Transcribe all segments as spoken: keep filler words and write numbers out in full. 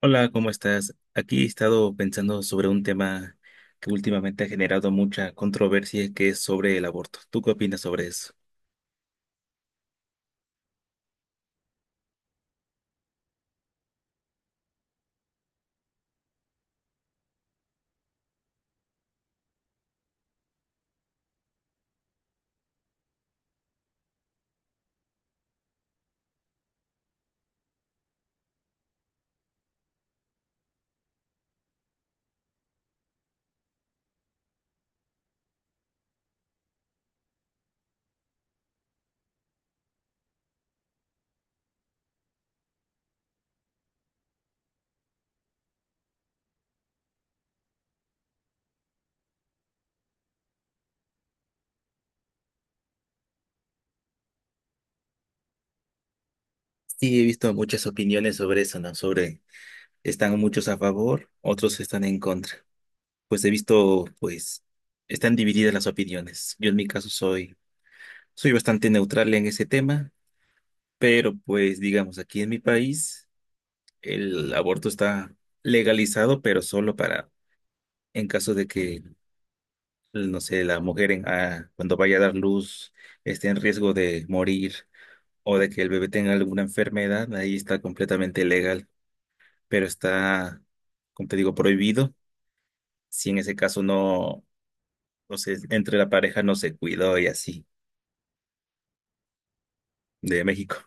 Hola, ¿cómo estás? Aquí he estado pensando sobre un tema que últimamente ha generado mucha controversia, que es sobre el aborto. ¿Tú qué opinas sobre eso? Sí, he visto muchas opiniones sobre eso, ¿no? Sobre están muchos a favor, otros están en contra. Pues he visto, pues, están divididas las opiniones. Yo en mi caso soy, soy bastante neutral en ese tema, pero pues digamos, aquí en mi país el aborto está legalizado, pero solo para en caso de que no sé, la mujer en- ah, cuando vaya a dar luz esté en riesgo de morir o de que el bebé tenga alguna enfermedad, ahí está completamente legal, pero está, como te digo, prohibido si en ese caso no, no sé, entre la pareja no se cuidó y así, de México.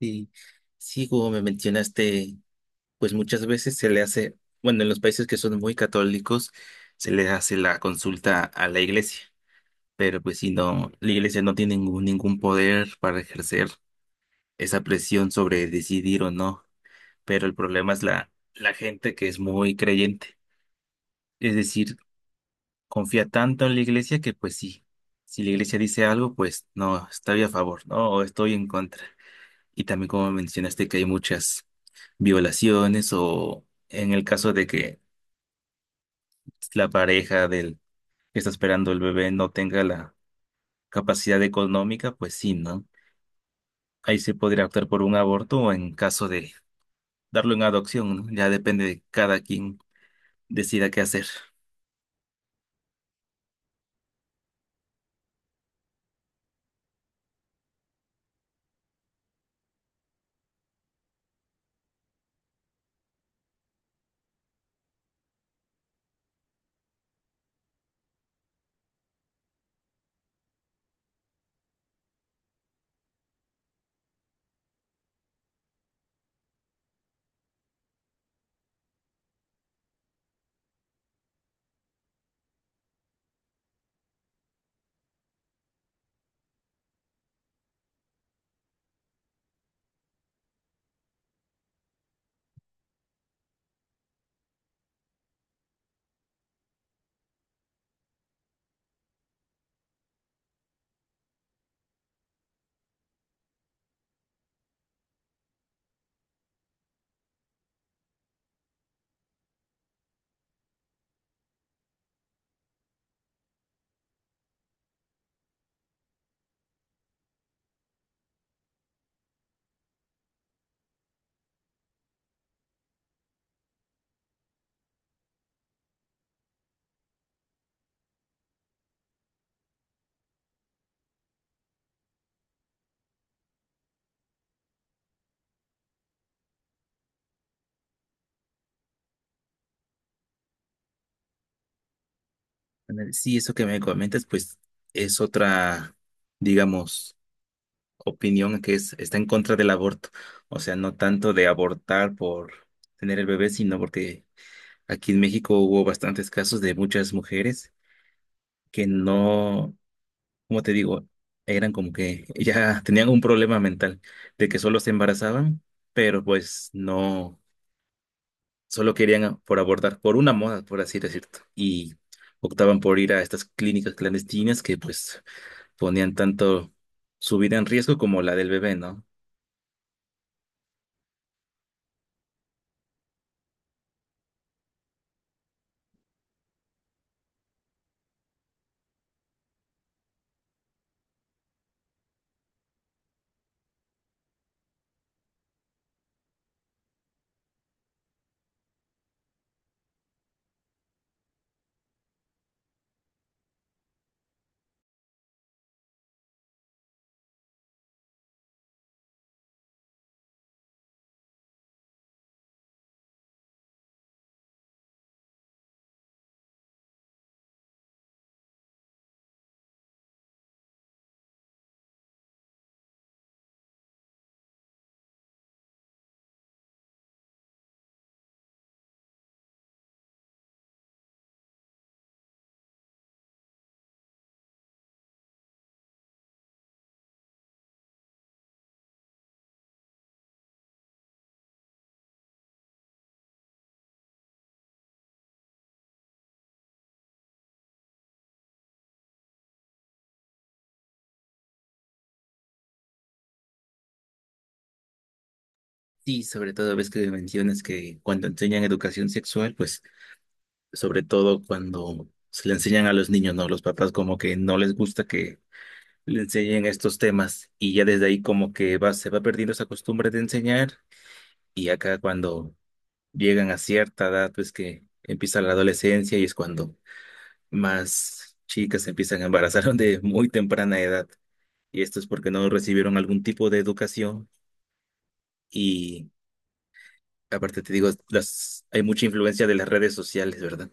Y sí, como me mencionaste, pues muchas veces se le hace, bueno, en los países que son muy católicos, se le hace la consulta a la iglesia. Pero pues si no, la iglesia no tiene ningún, ningún poder para ejercer esa presión sobre decidir o no, pero el problema es la, la gente que es muy creyente, es decir, confía tanto en la iglesia que pues sí, si la iglesia dice algo, pues no, estoy a favor, no, o estoy en contra. Y también como mencionaste que hay muchas violaciones o en el caso de que la pareja del que está esperando el bebé no tenga la capacidad económica, pues sí, ¿no? Ahí se podría optar por un aborto o en caso de darlo en adopción, ¿no? Ya depende de cada quien decida qué hacer. Ándale, sí, eso que me comentas, pues es otra, digamos, opinión que es, está en contra del aborto. O sea, no tanto de abortar por tener el bebé, sino porque aquí en México hubo bastantes casos de muchas mujeres que no, como te digo, eran como que ya tenían un problema mental de que solo se embarazaban, pero pues no. Solo querían por abordar por una moda, por así decirlo, y optaban por ir a estas clínicas clandestinas que pues ponían tanto su vida en riesgo como la del bebé, ¿no? Y sobre todo ves que mencionas que cuando enseñan educación sexual, pues sobre todo cuando se le enseñan a los niños, ¿no? Los papás como que no les gusta que le enseñen estos temas y ya desde ahí como que va, se va perdiendo esa costumbre de enseñar y acá cuando llegan a cierta edad, pues que empieza la adolescencia y es cuando más chicas se empiezan a embarazar de muy temprana edad. Y esto es porque no recibieron algún tipo de educación. Y aparte te digo, las, hay mucha influencia de las redes sociales, ¿verdad?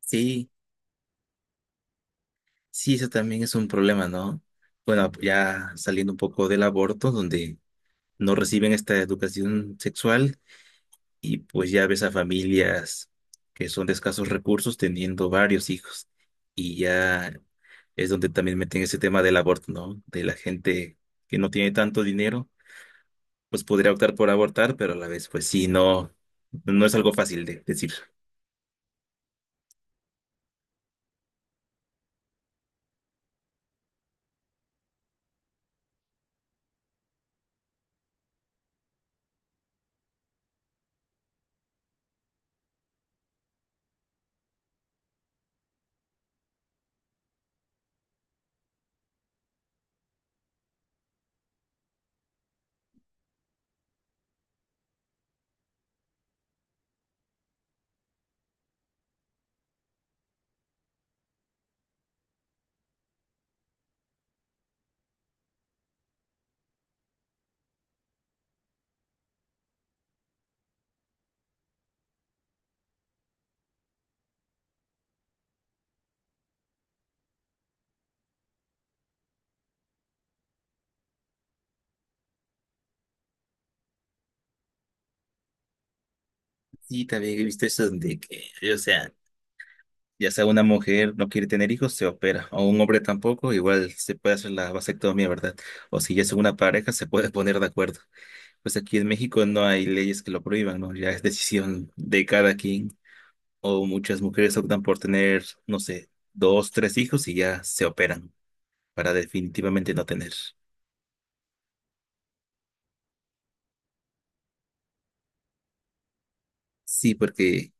Sí, sí, eso también es un problema, ¿no? Bueno, ya saliendo un poco del aborto, donde no reciben esta educación sexual, y pues ya ves a familias que son de escasos recursos teniendo varios hijos. Y ya es donde también meten ese tema del aborto, ¿no? De la gente que no tiene tanto dinero, pues podría optar por abortar, pero a la vez, pues sí, no, no es algo fácil de decir. Sí, también he visto eso de que, o sea, ya sea una mujer no quiere tener hijos, se opera, o un hombre tampoco, igual se puede hacer la vasectomía, ¿verdad? O si ya es una pareja, se puede poner de acuerdo. Pues aquí en México no hay leyes que lo prohíban, ¿no? Ya es decisión de cada quien. O muchas mujeres optan por tener, no sé, dos, tres hijos y ya se operan para definitivamente no tener. Sí, porque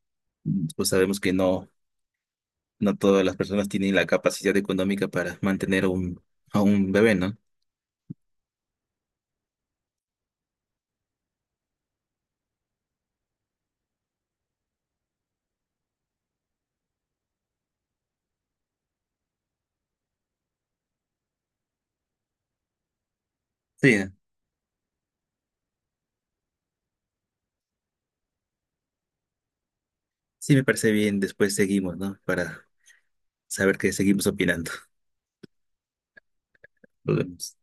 pues sabemos que no, no todas las personas tienen la capacidad económica para mantener a un, a un bebé, ¿no? Sí, sí me parece bien. Después seguimos, ¿no? Para saber que seguimos opinando. Nos vemos.